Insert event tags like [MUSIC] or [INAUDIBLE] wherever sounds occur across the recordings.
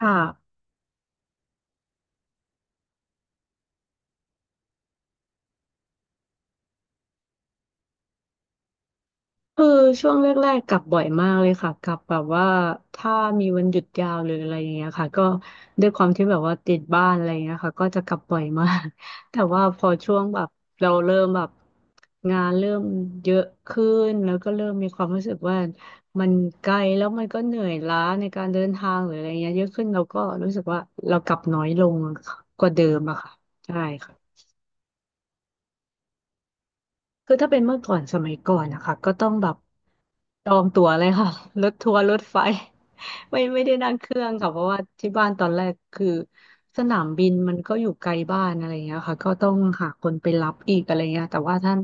ค่ะคือช่วงแรกๆกลับบ่อยมากเลยค่ะกลับแบบว่าถ้ามีวันหยุดยาวหรืออะไรอย่างเงี้ยค่ะก็ด้วยความที่แบบว่าติดบ้านอะไรอย่างเงี้ยค่ะก็จะกลับบ่อยมาก [LAUGHS] แต่ว่าพอช่วงแบบเราเริ่มแบบงานเริ่มเยอะขึ้นแล้วก็เริ่มมีความรู้สึกว่ามันไกลแล้วมันก็เหนื่อยล้าในการเดินทางหรืออะไรเงี้ยเยอะขึ้นเราก็รู้สึกว่าเรากลับน้อยลงกว่าเดิมอะค่ะใช่ค่ะ คือถ้าเป็นเมื่อก่อนสมัยก่อนนะคะก็ต้องแบบจองตั๋วเลยค่ะ [LAUGHS] รถทัวร์รถไฟ [LAUGHS] ไม่ได้นั่งเครื่องค่ะเพราะว่าที่บ้านตอนแรกคือสนามบินมันก็อยู่ไกลบ้านอะไรอย่างเงี้ยค่ะก็ต้องหาคนไปรับอีกอะไรเงี้ยแต่ว่าท่าน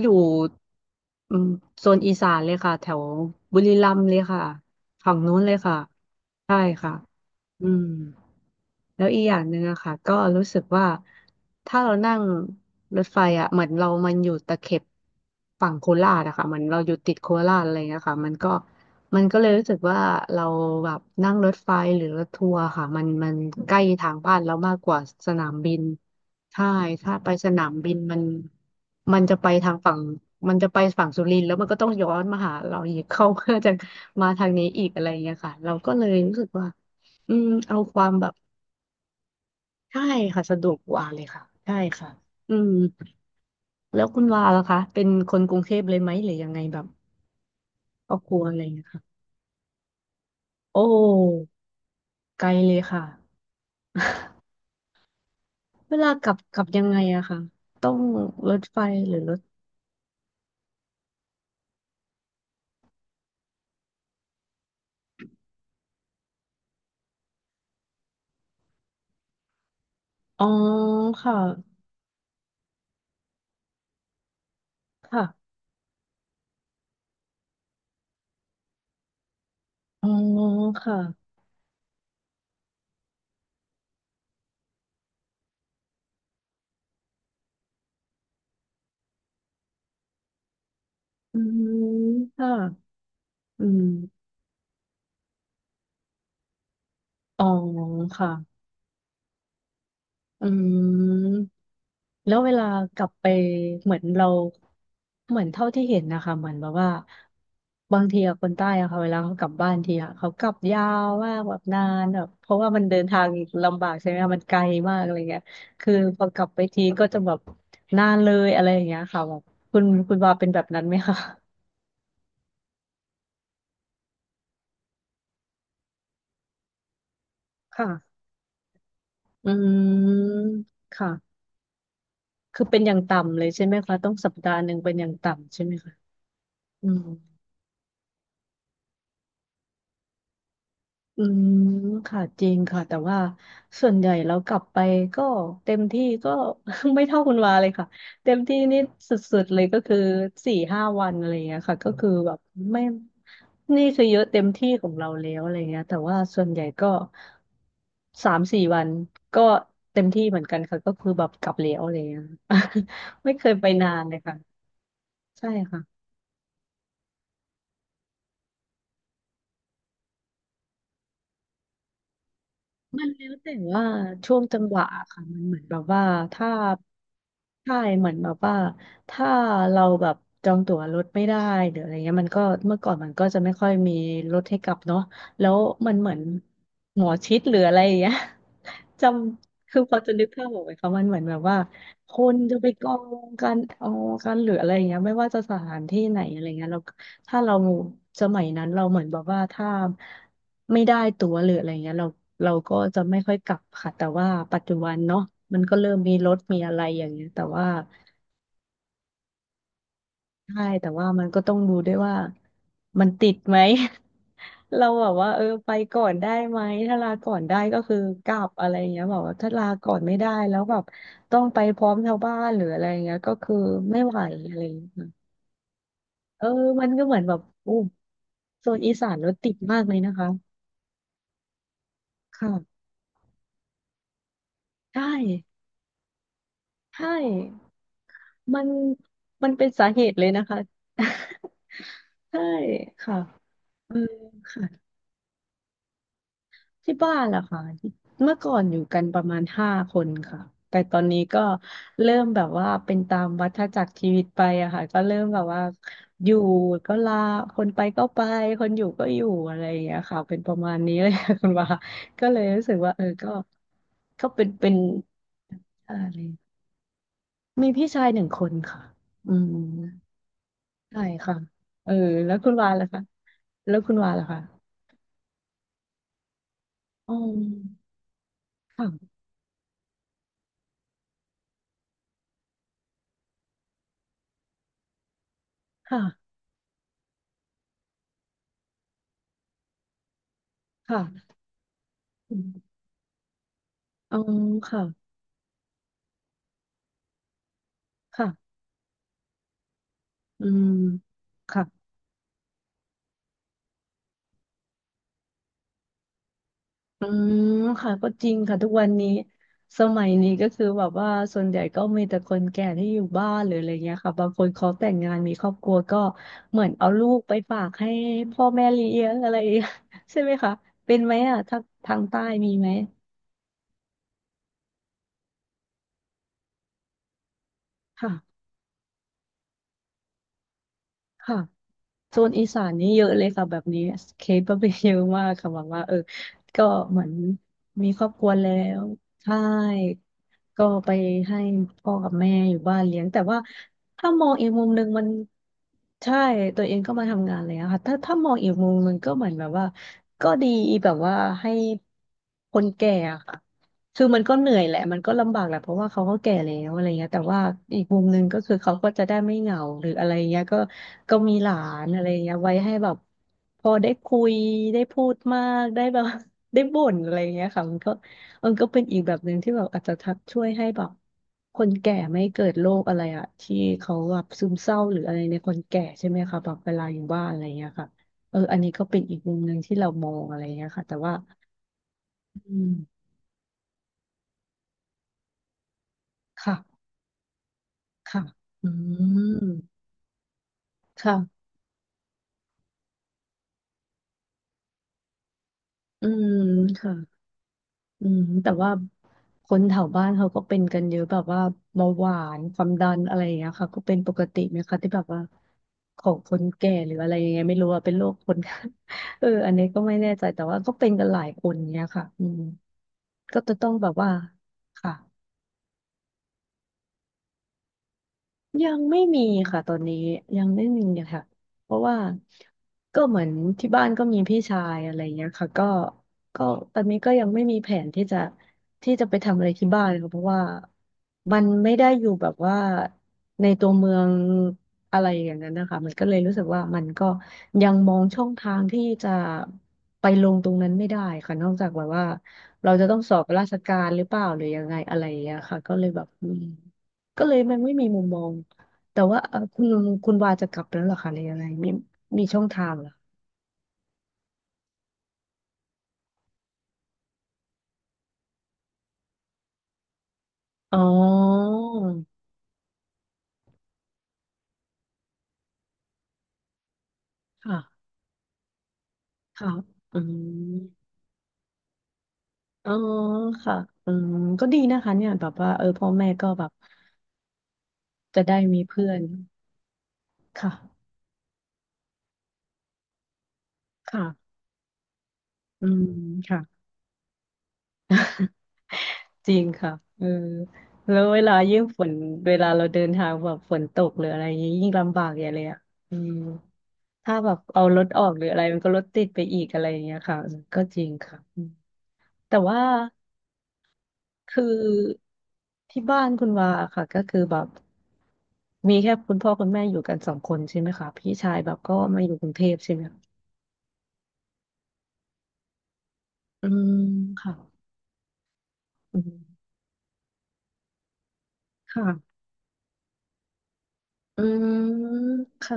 อยู่อืมโซนอีสานเลยค่ะแถวบุรีรัมย์เลยค่ะฝั่งนู้นเลยค่ะใช่ค่ะอืม แล้วอีกอย่างหนึ่งอะค่ะก็รู้สึกว่าถ้าเรานั่งรถไฟอะเหมือนเรามันอยู่ตะเข็บฝั่งโคราชอะค่ะเหมือนเราอยู่ติดโคราชอะไรเงี้ยค่ะมันก็เลยรู้สึกว่าเราแบบนั่งรถไฟหรือรถทัวร์ค่ะมันใกล้ทางบ้านเรามากกว่าสนามบินใช่ถ้าไปสนามบินมันจะไปทางฝั่งมันจะไปฝั่งสุรินทร์แล้วมันก็ต้องย้อนมาหาเราอีกเข้าเพื่อจะมาทางนี้อีกอะไรอย่างเงี้ยค่ะเราก็เลยรู้สึกว่าอืมเอาความแบบ ใช่ค่ะสะดวกกว่าเลยค่ะใช่ค่ะอืมแล้วคุณวาล่ะคะเป็นคนกรุงเทพเลยไหมหรือยังไงแบบครอบครัวอะไรอย่างเงี้ยค่ะโอ้ไกลเลยค่ะ [LAUGHS] เวลากลับกลับยังไงอะค่ะต้องรถไฟหรือรถอ๋อค่ะค่ะอ๋อค่ะอืมค่ะอืมอ๋อค่ะอืม แล้วเวลากลับไปเหมือนเราเหมือนเท่าที่เห็นนะคะเหมือนแบบว่าบางทีอะคนใต้อะค่ะเวลาเขากลับบ้านทีอะเขากลับยาวมากแบบนานแบบเพราะว่ามันเดินทางลำบากใช่ไหมคะมันไกลมากอะไรเงี้ยคือพอกลับไปทีก็จะแบบนานเลยอะไรอย่างเงี้ยค่ะแบบคุณวาเป็นแบบนั้นไหมคะค่ะอืมค่ะคือเป็นอย่างต่ำเลยใช่ไหมคะต้องสัปดาห์หนึ่งเป็นอย่างต่ำใช่ไหมคะอืม อืมค่ะจริงค่ะแต่ว่าส่วนใหญ่เรากลับไปก็เต็มที่ก็ [LAUGHS] ไม่เท่าคุณวาเลยค่ะเต็มที่นี่สุดๆเลยก็คือสี่ห้าวันอะไรเงี้ยค่ะก็คือแบบไม่นี่คือเยอะเต็มที่ของเราแล้วอะไรเงี้ยแต่ว่าส่วนใหญ่ก็สามสี่วันก็เต็มที่เหมือนกันค่ะก็คือแบบกลับแล้วอะไรเงี้ย [LAUGHS] ไม่เคยไปนานเลยค่ะใช่ค่ะ มันแล้วแต่ว่าช่วงจังหวะค่ะมันเหมือนแบบว่าถ้าใช่เหมือนแบบว่าถ้าเราแบบจองตั๋วรถไม่ได้หรืออะไรเงี้ยมันก็เมื่อก่อนมันก็จะไม่ค่อยมีรถให้กลับเนาะแล้วมันเหมือนหมอชิดหรืออะไรอย่างเงี้ย [LAUGHS] จำคือพอจะนึกภาพออกไหมคะมันเหมือนแบบว่าคนจะไปกองกันเอากันหรืออะไรอย่างเงี้ยไม่ว่าจะสถานที่ไหนอะไรเงี้ย ถ้าเราสมัยนั้นเราเหมือนแบบว่าถ้าไม่ได้ตั๋วหรืออะไรเงี้ยเราก็จะไม่ค่อยกลับค่ะแต่ว่าปัจจุบันเนาะมันก็เริ่มมีรถมีอะไรอย่างเงี้ยแต่ว่าใช่แต่ว่ามันก็ต้องดูด้วยว่ามันติดไหม [LAUGHS] เราแบบว่าเออไปก่อนได้ไหมถ้าลาก่อนได้ก็คือกลับอะไรเงี้ยบอกว่าถ้าลาก่อนไม่ได้แล้วแบบต้องไปพร้อมชาวบ้านหรืออะไรเงี้ยก็คือไม่ไหวอะไรเงี้ยค่ะเออมันก็เหมือนแบบอู้โซนอีสานรถติดมากเลยนะคะ ค่ะใช่ใช่มันมันเป็นสาเหตุเลยนะคะ [LAUGHS] ใช่ค่ะเออค่ะที่บ้านล่ะค่ะที่เมื่อก่อนอยู่กันประมาณ5 คนค่ะแต่ตอนนี้ก็เริ่มแบบว่าเป็นตามวัฏจักรชีวิตไปอะค่ะก็เริ่มแบบว่าอยู่ก็ลาคนไปก็ไปคนอยู่ก็อยู่อะไรอย่างเงี้ยค่ะเป็นประมาณนี้เลยค่ะคุณว่า [LAUGHS] ก็เลยรู้สึกว่าเออก็ก็เป็นอะไรมีพี่ชาย1 คนค่ะอืม ใช่ค่ะเออแล้วคุณวานล่ะคะแล้วคุณวาล่ะคะอ๋อค่ะค่ะค่ะอืมอ๋อค่ะค่ะอืมค่ะอืมค่ะก็จริงค่ะทุกวันนี้สมัยนี้ก็คือแบบว่าส่วนใหญ่ก็มีแต่คนแก่ที่อยู่บ้านหรืออะไรเงี้ยค่ะบางคนเขาแต่งงานมีครอบครัวก็เหมือนเอาลูกไปฝากให้พ่อแม่เลี้ยงอะไร [LAUGHS] ใช่ไหมคะเป็นไหมอ่ะทางใต้มีไหมค่ะค่ะ โซนอีสานนี่เยอะเลยค่ะแบบนี้เคสก็เป็นเยอะมากค่ะแบบว่าเออก็เหมือนมีครอบครัวแล้วใช่ก็ไปให้พ่อกับแม่อยู่บ้านเลี้ยงแต่ว่าถ้ามองอีกมุมหนึ่งมันใช่ตัวเองก็มาทำงานแล้วค่ะถ้ามองอีกมุมหนึ่งก็เหมือนแบบว่าก็ดีแบบว่าให้คนแก่อะค่ะ คือมันก็เหนื่อยแหละมันก็ลำบากแหละเพราะว่าเขาก็แก่แล้วอะไรเงี้ยแต่ว่าอีกมุมหนึ่งก็คือเขาก็จะได้ไม่เหงาหรืออะไรเงี้ยก็ก็มีหลานอะไรเงี้ยไว้ให้แบบพอได้คุยได้พูดมากได้แบบ [LAUGHS] ได้บ่นอะไรเงี้ยค่ะมันก็เป็นอีกแบบหนึ่งที่แบบอาจจะทักช่วยให้แบบคนแก่ไม่เกิดโรคอะไรอะที่เขาแบบซึมเศร้าหรืออะไรในคนแก่ใช่ไหมคะแบบเวลาอยู่บ้านอะไรเงี้ยค่ะเอออันนี้ก็เป็นอีกมุมหนึ่งที่เรามองอะไรเงี้ยค่ะแต่ว่าอืมค่ะ ค่ะอืมค่ะอืมค่ะ อืม แต่ว่าคนแถวบ้านเขาก็เป็นกันเยอะแบบว่าเบาหวานความดันอะไรอย่างเงี้ยค่ะก็เป็นปกติไหมคะที่แบบว่าของคนแก่หรืออะไรยังไงไม่รู้ว่าเป็นโรคคน [LAUGHS] เอออันนี้ก็ไม่แน่ใจแต่ว่าก็เป็นกันหลายคนเนี้ยค่ะอืมก็จะต้องแบบว่าค่ะ ยังไม่มีค่ะตอนนี้ยังไม่มีค่ะเพราะว่าก็เหมือนที่บ้านก็มีพี่ชายอะไรเงี้ยค่ะก็ก็ตอนนี้ก็ยังไม่มีแผนที่จะไปทำอะไรที่บ้านเลยค่ะเพราะว่ามันไม่ได้อยู่แบบว่าในตัวเมืองอะไรอย่างนั้นนะคะมันก็เลยรู้สึกว่ามันก็ยังมองช่องทางที่จะไปลงตรงนั้นไม่ได้ค่ะนอกจากแบบว่าเราจะต้องสอบราชการหรือเปล่าหรือยังไงอะไรอย่างเงี้ยค่ะก็เลยแบบอืม ก็เลยมันไม่มีมุมมองแต่ว่าคุณคุณวาจะกลับแล้วเหรอคะหรือยังไงมีมีช่องทางเหรออ๋อค่ะค่ะอืมอ๋อค่ะอืมก็ดีนะคะเนี่ยแบบว่าเออพ่อแม่ก็แบบจะได้มีเพื่อนค่ะค่ะอืมค่ะจริงค่ะเออแล้วเวลายิ่งฝนเวลาเราเดินทางแบบฝนตกหรืออะไรอย่างงี้ยิ่งลำบากอย่างเลยอ่ะอืม ถ้าแบบเอารถออกหรืออะไรมันก็รถติดไปอีกอะไรอย่างเงี้ยค่ะก็จริงค่ะอืมแต่ว่าคือที่บ้านคุณวาค่ะก็คือแบบมีแค่คุณพ่อคุณแม่อยู่กันสองคนใช่ไหมคะพี่ชายแบบก็มาอยู่กรุงเทพใช่ไหมคะอืมค่ะอืมค่ะอืมค่ะ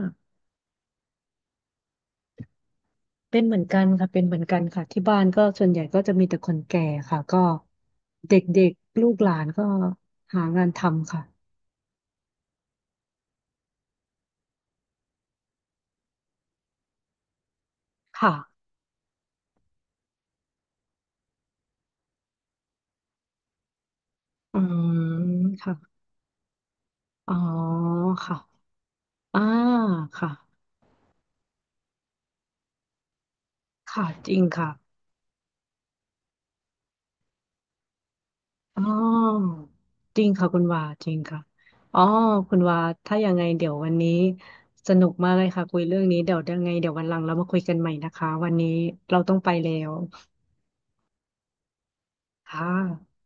เป็นเหมือนกันค่ะเป็นเหมือนกันค่ะที่บ้านก็ส่วนใหญ่ก็จะมีแต่คนแก่ค่ะก็เด็กๆลูกหลานก็หางานทำค่ะค่ะอืมค่ะ อ๋อค่ะอ่าค่ะค่ะจริงค่ะ อ๋อจริงค่ะคุณวาจริงค่ะอ๋อคุณวาถ้ายังไงเดี๋ยววันนี้สนุกมากเลยค่ะคุยเรื่องนี้เดี๋ยวยังไงเดี๋ยววันหลังเรามาคุยกันใหม่นะคะวันนี้เราต้องไปแล้วค่ะ